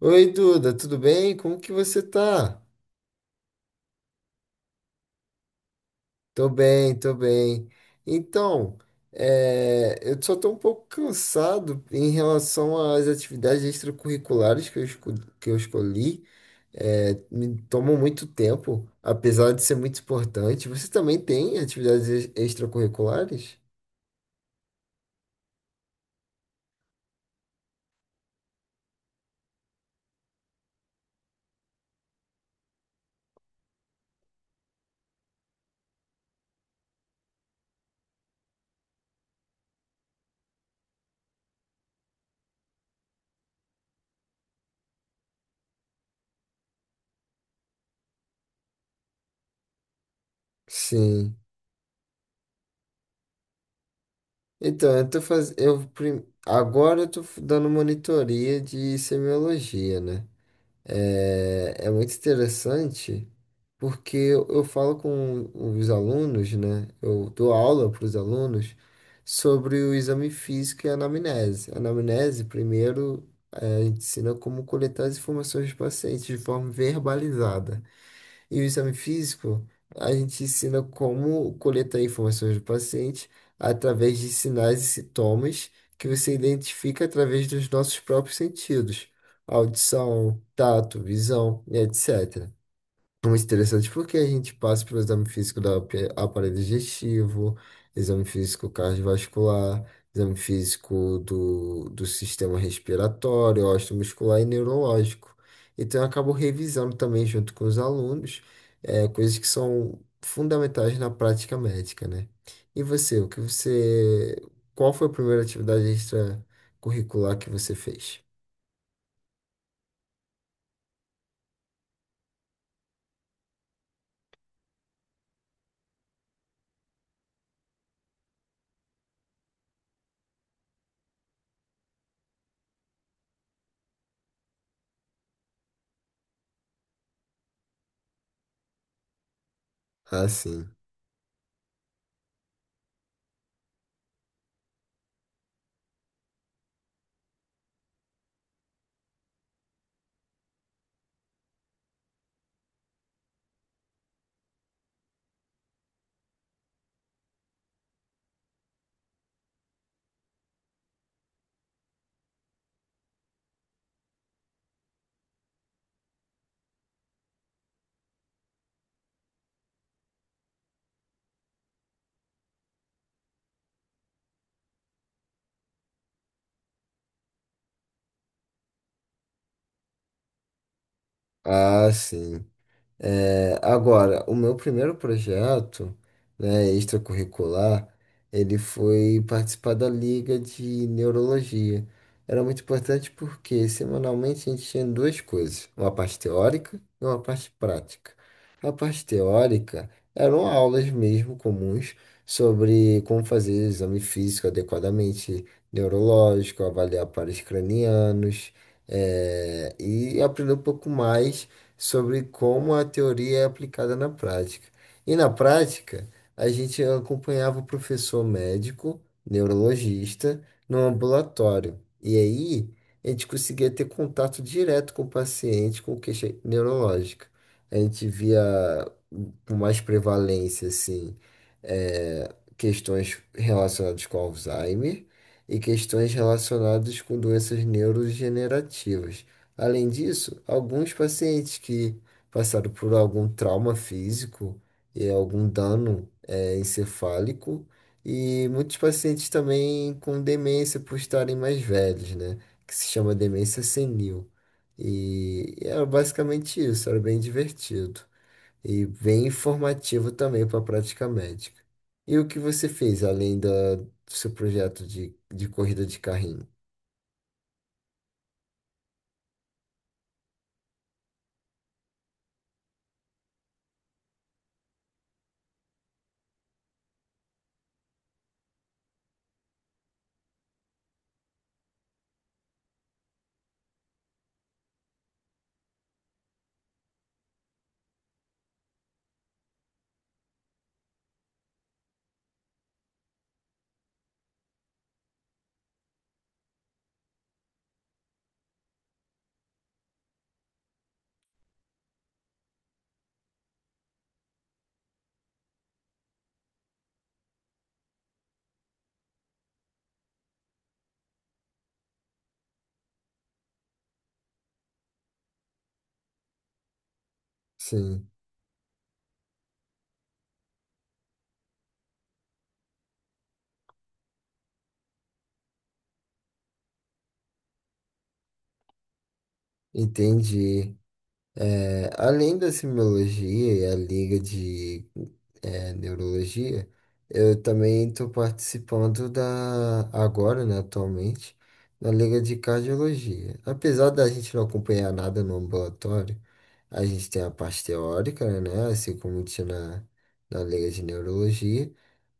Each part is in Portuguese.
Oi, Duda, tudo bem? Como que você tá? Tô bem, tô bem. Então, eu só tô um pouco cansado em relação às atividades extracurriculares que que eu escolhi. É, me tomam muito tempo, apesar de ser muito importante. Você também tem atividades extracurriculares? Sim. Então, eu tô fazendo. Agora eu dando monitoria de semiologia, né? É, é muito interessante porque eu falo com os alunos, né? Eu dou aula para os alunos sobre o exame físico e a anamnese. A anamnese, primeiro, a gente ensina como coletar as informações do paciente de forma verbalizada. E o exame físico, a gente ensina como coletar informações do paciente através de sinais e sintomas que você identifica através dos nossos próprios sentidos, audição, tato, visão, etc. Muito interessante porque a gente passa pelo exame físico do aparelho digestivo, exame físico cardiovascular, exame físico do, do sistema respiratório, osteomuscular e neurológico. Então, eu acabo revisando também junto com os alunos, coisas que são fundamentais na prática médica, né? E você, o que você, qual foi a primeira atividade extracurricular que você fez? Ah, sim. Ah, sim. É, agora, o meu primeiro projeto, né, extracurricular, ele foi participar da Liga de Neurologia. Era muito importante porque semanalmente a gente tinha duas coisas, uma parte teórica e uma parte prática. A parte teórica eram aulas mesmo comuns sobre como fazer exame físico adequadamente, neurológico, avaliar pares cranianos, e aprender um pouco mais sobre como a teoria é aplicada na prática. E na prática, a gente acompanhava o professor médico, neurologista, no ambulatório. E aí, a gente conseguia ter contato direto com o paciente com queixa neurológica. A gente via com mais prevalência, assim, questões relacionadas com Alzheimer e questões relacionadas com doenças neurodegenerativas. Além disso, alguns pacientes que passaram por algum trauma físico e algum dano encefálico, e muitos pacientes também com demência por estarem mais velhos, né? Que se chama demência senil. E era basicamente isso, era bem divertido e bem informativo também para a prática médica. E o que você fez além do seu projeto de corrida de carrinho? Sim, entendi. É, além da semiologia e a liga de neurologia, eu também estou participando da agora, né, atualmente, na liga de cardiologia. Apesar da gente não acompanhar nada no ambulatório, a gente tem a parte teórica, né, assim como tinha na, na liga de neurologia,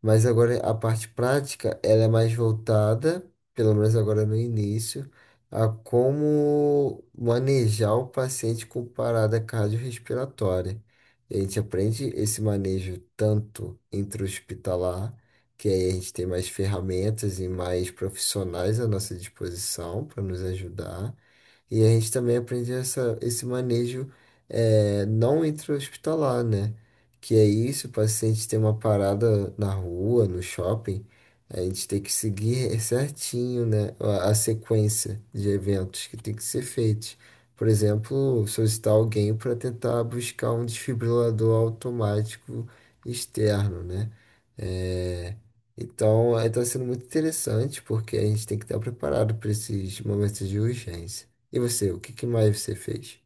mas agora a parte prática, ela é mais voltada, pelo menos agora no início a como manejar o paciente com parada cardiorrespiratória. E a gente aprende esse manejo tanto intra-hospitalar, que aí a gente tem mais ferramentas e mais profissionais à nossa disposição para nos ajudar. E a gente também aprende essa, esse manejo não intra-hospitalar, né? Que é isso, o paciente tem uma parada na rua, no shopping, a gente tem que seguir certinho, né, a sequência de eventos que tem que ser feitos. Por exemplo, solicitar alguém para tentar buscar um desfibrilador automático externo, né? É, então, está sendo muito interessante porque a gente tem que estar preparado para esses momentos de urgência. E você, o que que mais você fez?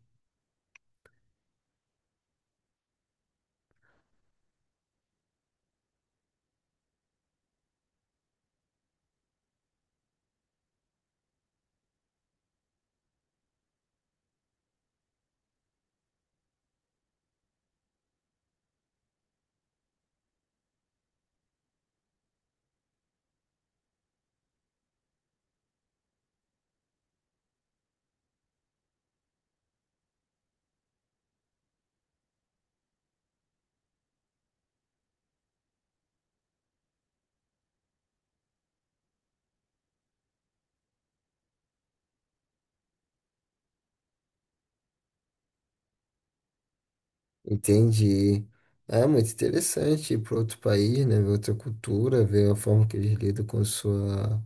Entendi. É muito interessante ir para outro país, né? Ver outra cultura, ver a forma que eles lidam com sua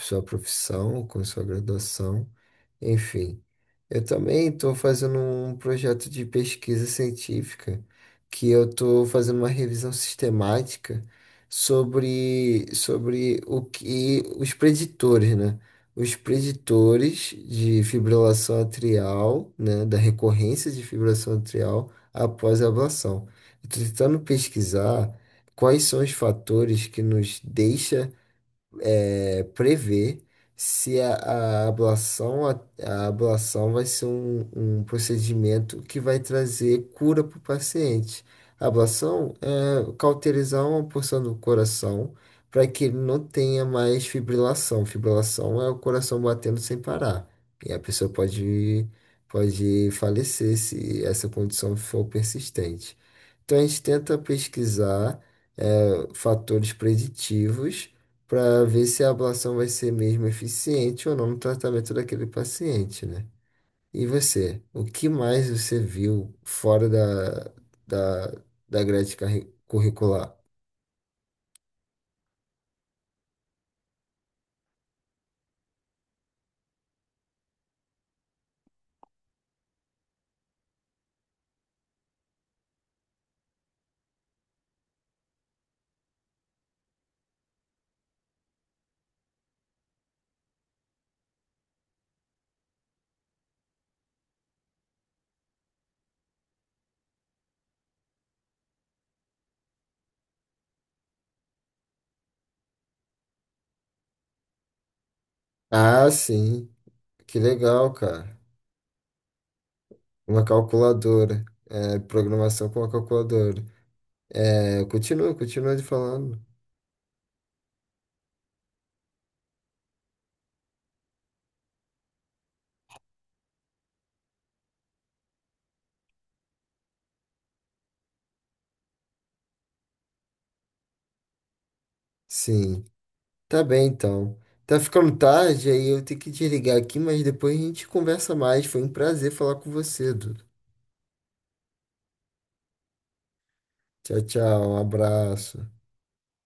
sua profissão, com sua graduação, enfim. Eu também estou fazendo um projeto de pesquisa científica, que eu estou fazendo uma revisão sistemática sobre, sobre o que os preditores, né? Os preditores de fibrilação atrial, né? Da recorrência de fibrilação atrial após a ablação. Estou tentando pesquisar quais são os fatores que nos deixam prever se a, a ablação, a, a ablação vai ser um, um procedimento que vai trazer cura para o paciente. A ablação é cauterizar uma porção do coração para que ele não tenha mais fibrilação. Fibrilação é o coração batendo sem parar. E a pessoa pode, pode falecer se essa condição for persistente. Então a gente tenta pesquisar fatores preditivos para ver se a ablação vai ser mesmo eficiente ou não no tratamento daquele paciente, né? E você, o que mais você viu fora da, da, grade curricular? Ah, sim, que legal, cara. Uma calculadora, é, programação com uma calculadora. É, continua de falando. Sim, tá bem então. Tá ficando tarde, aí eu tenho que desligar aqui, mas depois a gente conversa mais. Foi um prazer falar com você, Du. Tchau, tchau. Um abraço.